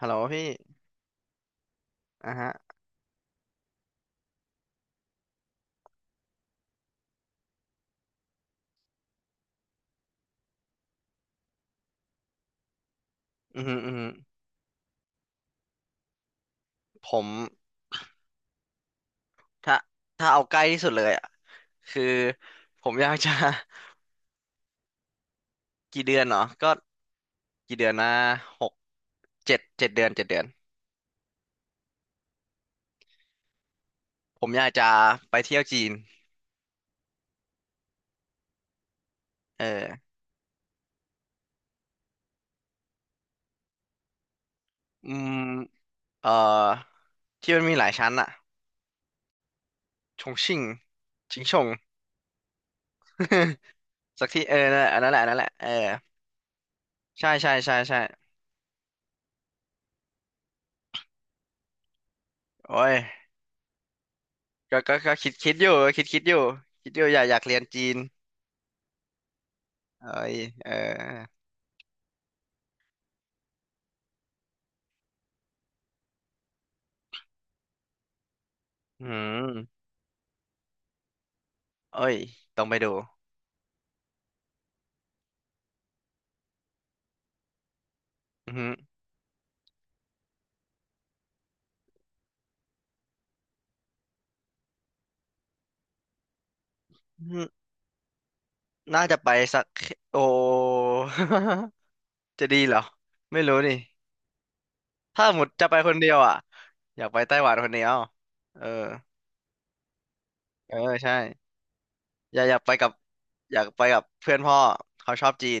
ฮัลโหลพี่อ่ะฮะอืมอหืมออือหือผมถ้าถ้าเอาใกล้ที่สุดเลยอ่ะคือผมอยากจะ กี่เดือนเนาะก็กี่เดือนนะหกเจ็ดเดือนเจ็ดเดือนผมอยากจะไปเที่ยวจีนเอออืมเอ่อที่มันมีหลายชั้นอ่ะชงชิ่งชิงชง สักที่เออนั่นแหละอันนั้นแหละเออใช่ใช่ใช่ใช่โอ้ยก็คิดอยู่คิดอยู่คิดอยู่อยากเรียนจีนเอ้ยเอออืม เอ้ย ต้องไปดูอือหืออือหือน่าจะไปสักโอ จะดีเหรอไม่รู้นี่ถ้าหมดจะไปคนเดียวอ่ะอยากไปไต้หวันคนเดียวเออเออใช่อยากอยากไปกับอยากไปกับเพื่อนพ่อเขาชอบจีน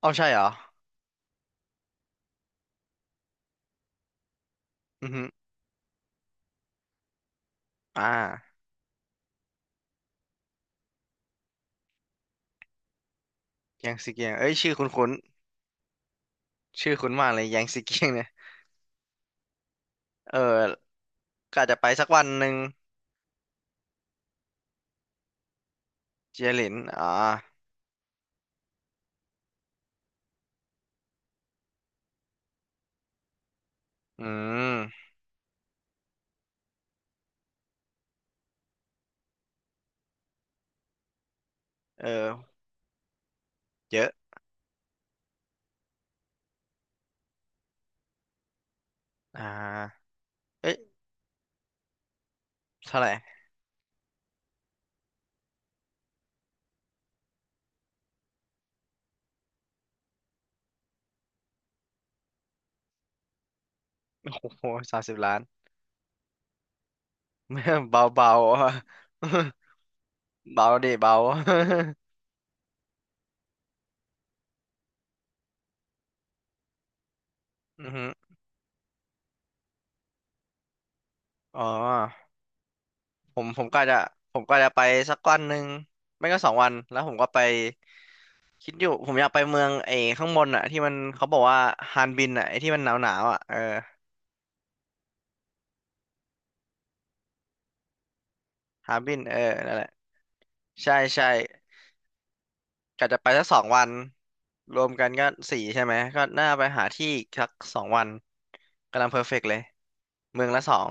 เอ้าใช่เหรออือหืออ่าแยงซีเกียงเอ้ยชื่อคุ้นๆชื่อคุ้นมากเลยแยงซีเกียงเนี่ยเออก็อาจจะไปสักวันหนึ่งเจียหลินอ่าอืมเออเยอะอ่าเอ้ยเท่าไหร่ โอ้โหสามสิบล้าน เบาเบาอะ เบาดิเบา อือฮึอ๋อผมผมก็จะผมก็จะไปสักวันหนึ่งไม่ก็สองวันแล้วผมก็ไปคิดอยู่ผมอยากไปเมืองไอ้ข้างบนอ่ะที่มันเขาบอกว่าฮานบินอ่ะไอ้ที่มันหนาวหนาวอ่ะเออฮานบินเออนั่นแหละใช่ใช่กะจะไปสักสองวันรวมกันก็สี่ใช่ไหมก็น่าไปหาที่สักสองวันกำลังเพอร์เฟกต์เลยเมืองละสอง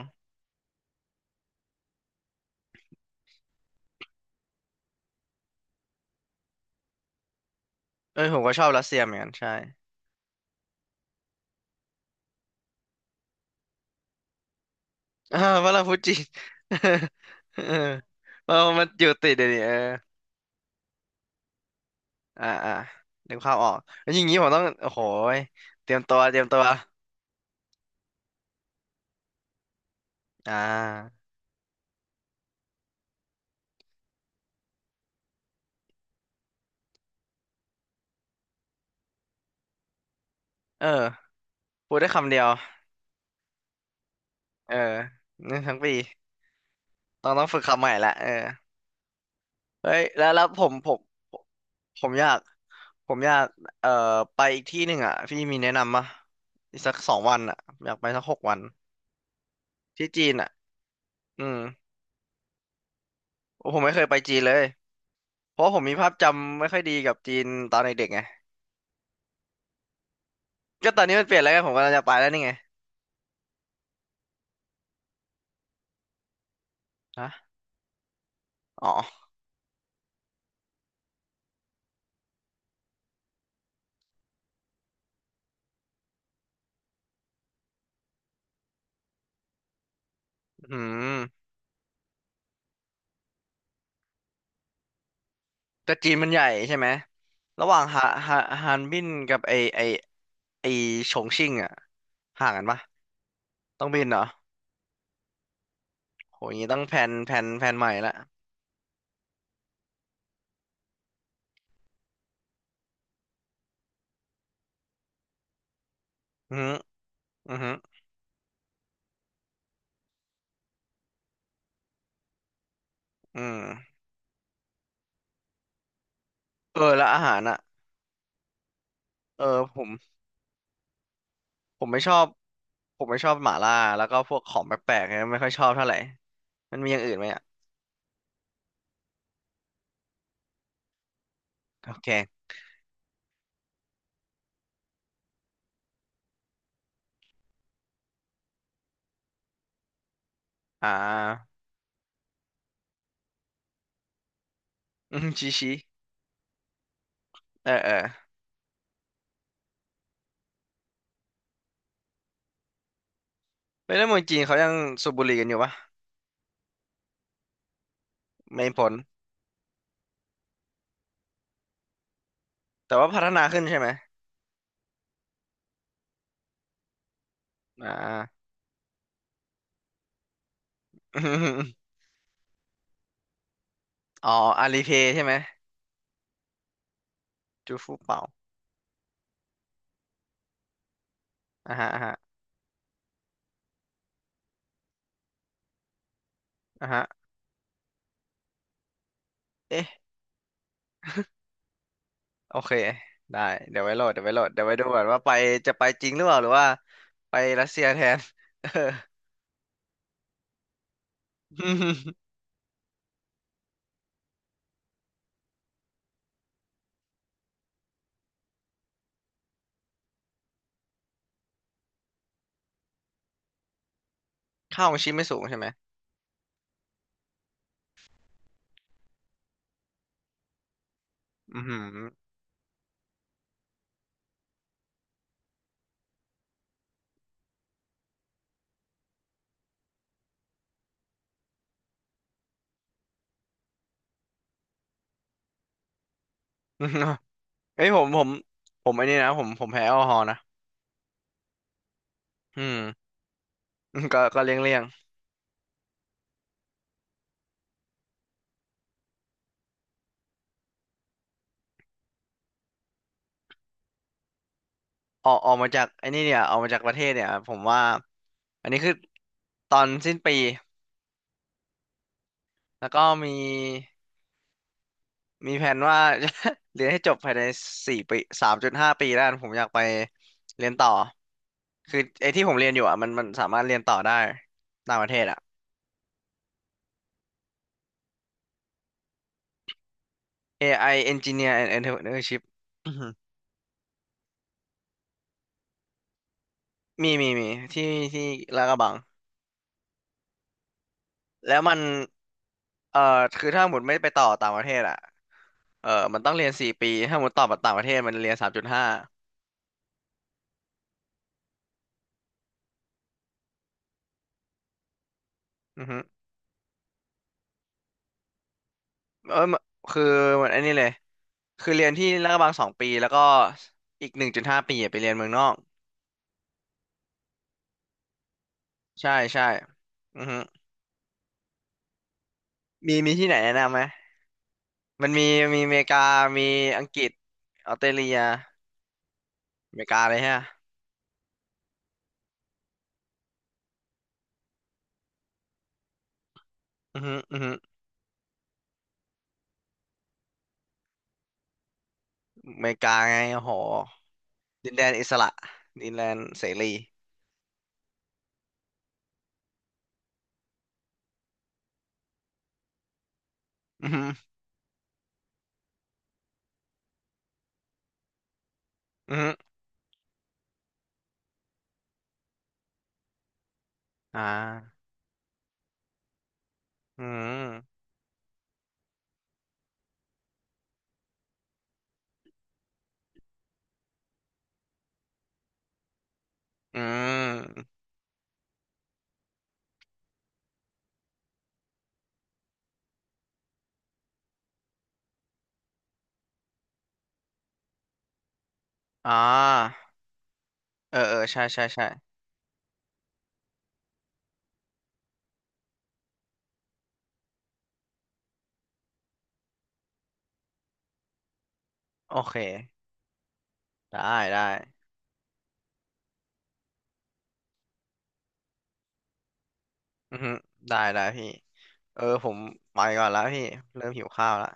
เออผมก็ชอบรัสเซียเหมือนกันใช่ อ่าวาลาฟูจิ เออเออมันอยู่ติดเดี๋ยวนี้เอออ่านึกภาพออกแล้วอย่างนี้ผมต้องโอ้โหยเตรียมตัวอ่าเออพูดได้คำเดียวเออนี่ทั้งปีต้องฝึกคำใหม่ละเออเฮ้ยแล้วแล้วผมผมอยากเอ่อไปอีกที่หนึ่งอ่ะพี่มีแนะนำปะอีกสักสองวันอ่ะอยากไปสักหกวันที่จีนอ่ะอืมโอ้ผมไม่เคยไปจีนเลย เพราะผมมีภาพจำไม่ค่อยดีกับจีนตอนเด็กๆไงก็ตอนนี้มันเปลี่ยนแล้วไงผมกำลังจะไปแล้วนี่ไงฮะอ๋ออืมแต่จีนมันใหญ่ใช่ไหมระหว่างฮาฮาฮานบินกับไอไอไอฉงชิ่งอะห่างกันปะต้องบินเหรอโหอย่างงี้ต้องแพลนใหม่ละอือหืออือหืออืมเออแล้วอาหารอะเออผมผมไม่ชอบหม่าล่าแล้วก็พวกของแปลกๆเนี่ยไม่ค่อยชอบเท่าไหร่มันมีอย่างอื่นไหมอะโอเคอ่าอืมชีชีเออเออ ไม่ได้เมืองจีนเขายังสูบบุหรี่กันอยู่ปะไม่ผลแต่ว่าพัฒนาขึ้นใช่ไหมอ่า อ๋ออาลีเพย์ใช่ไหมจูฟูเป่าอ่าฮะอ่าฮะเอ๊ะโอเคได้เดี๋ยวไว้โหลดเดี๋ยวไว้โหลดเดี๋ยวไว้ดูก่อนว่าไปจะไปจริงหรือเปล่าหรือว่าไปรัสเซียแทนเออ ค่า ของชีพไม่สูงใช่ไหมอือหือ เอ้ยผมไอ้นี่นะผมแพ้แอลกอฮอล์นะอืม ก็เลี่ยงออกมาจากไอ้นี่เนี่ยออกมาจากประเทศเนี่ยผมว่าอันนี้คือตอนสิ้นปี แล้วก็มีแผนว่า เรียนให้จบภายในสี่ปีสามจุดห้าปีแล้วกันผมอยากไปเรียนต่อคือไอ้ที่ผมเรียนอยู่อ่ะมันสามารถเรียนต่อได้ต่างประเทศอ่ะ AI Engineer and Entrepreneurship อื้อหือมีมีที่ที่ลาดกระบังแล้วมันคือถ้าหมดไม่ไปต่อต่างประเทศอ่ะเออมันต้องเรียนสี่ปีถ้าหมดต่อต่างประเทศมันเรียนสามจุดห้าอือฮึเออคือเหมือนอันนี้เลยคือเรียนที่ลาดกระบังสองปีแล้วก็อีกหนึ่งจุดห้าปีอะไปเรียนเมืองนอก ใช่ใช่อือฮึมีที่ไหนแนะนำไหมมันมีมีอเมริกามีอังกฤษออสเตรเลียอเมริกาเลยฮะอือฮึอือฮึอเมริกาไงโอ้โหดินแดนอิสระดินแดนเสรีอือฮึอือฮึอ่าอืมอืมอ่าเออเออใช่ใช่ใช่โอเคได้ได้อือฮึได้ได้พี่เออผมไปก่อนแล้วพี่เริ่มหิวข้าวละ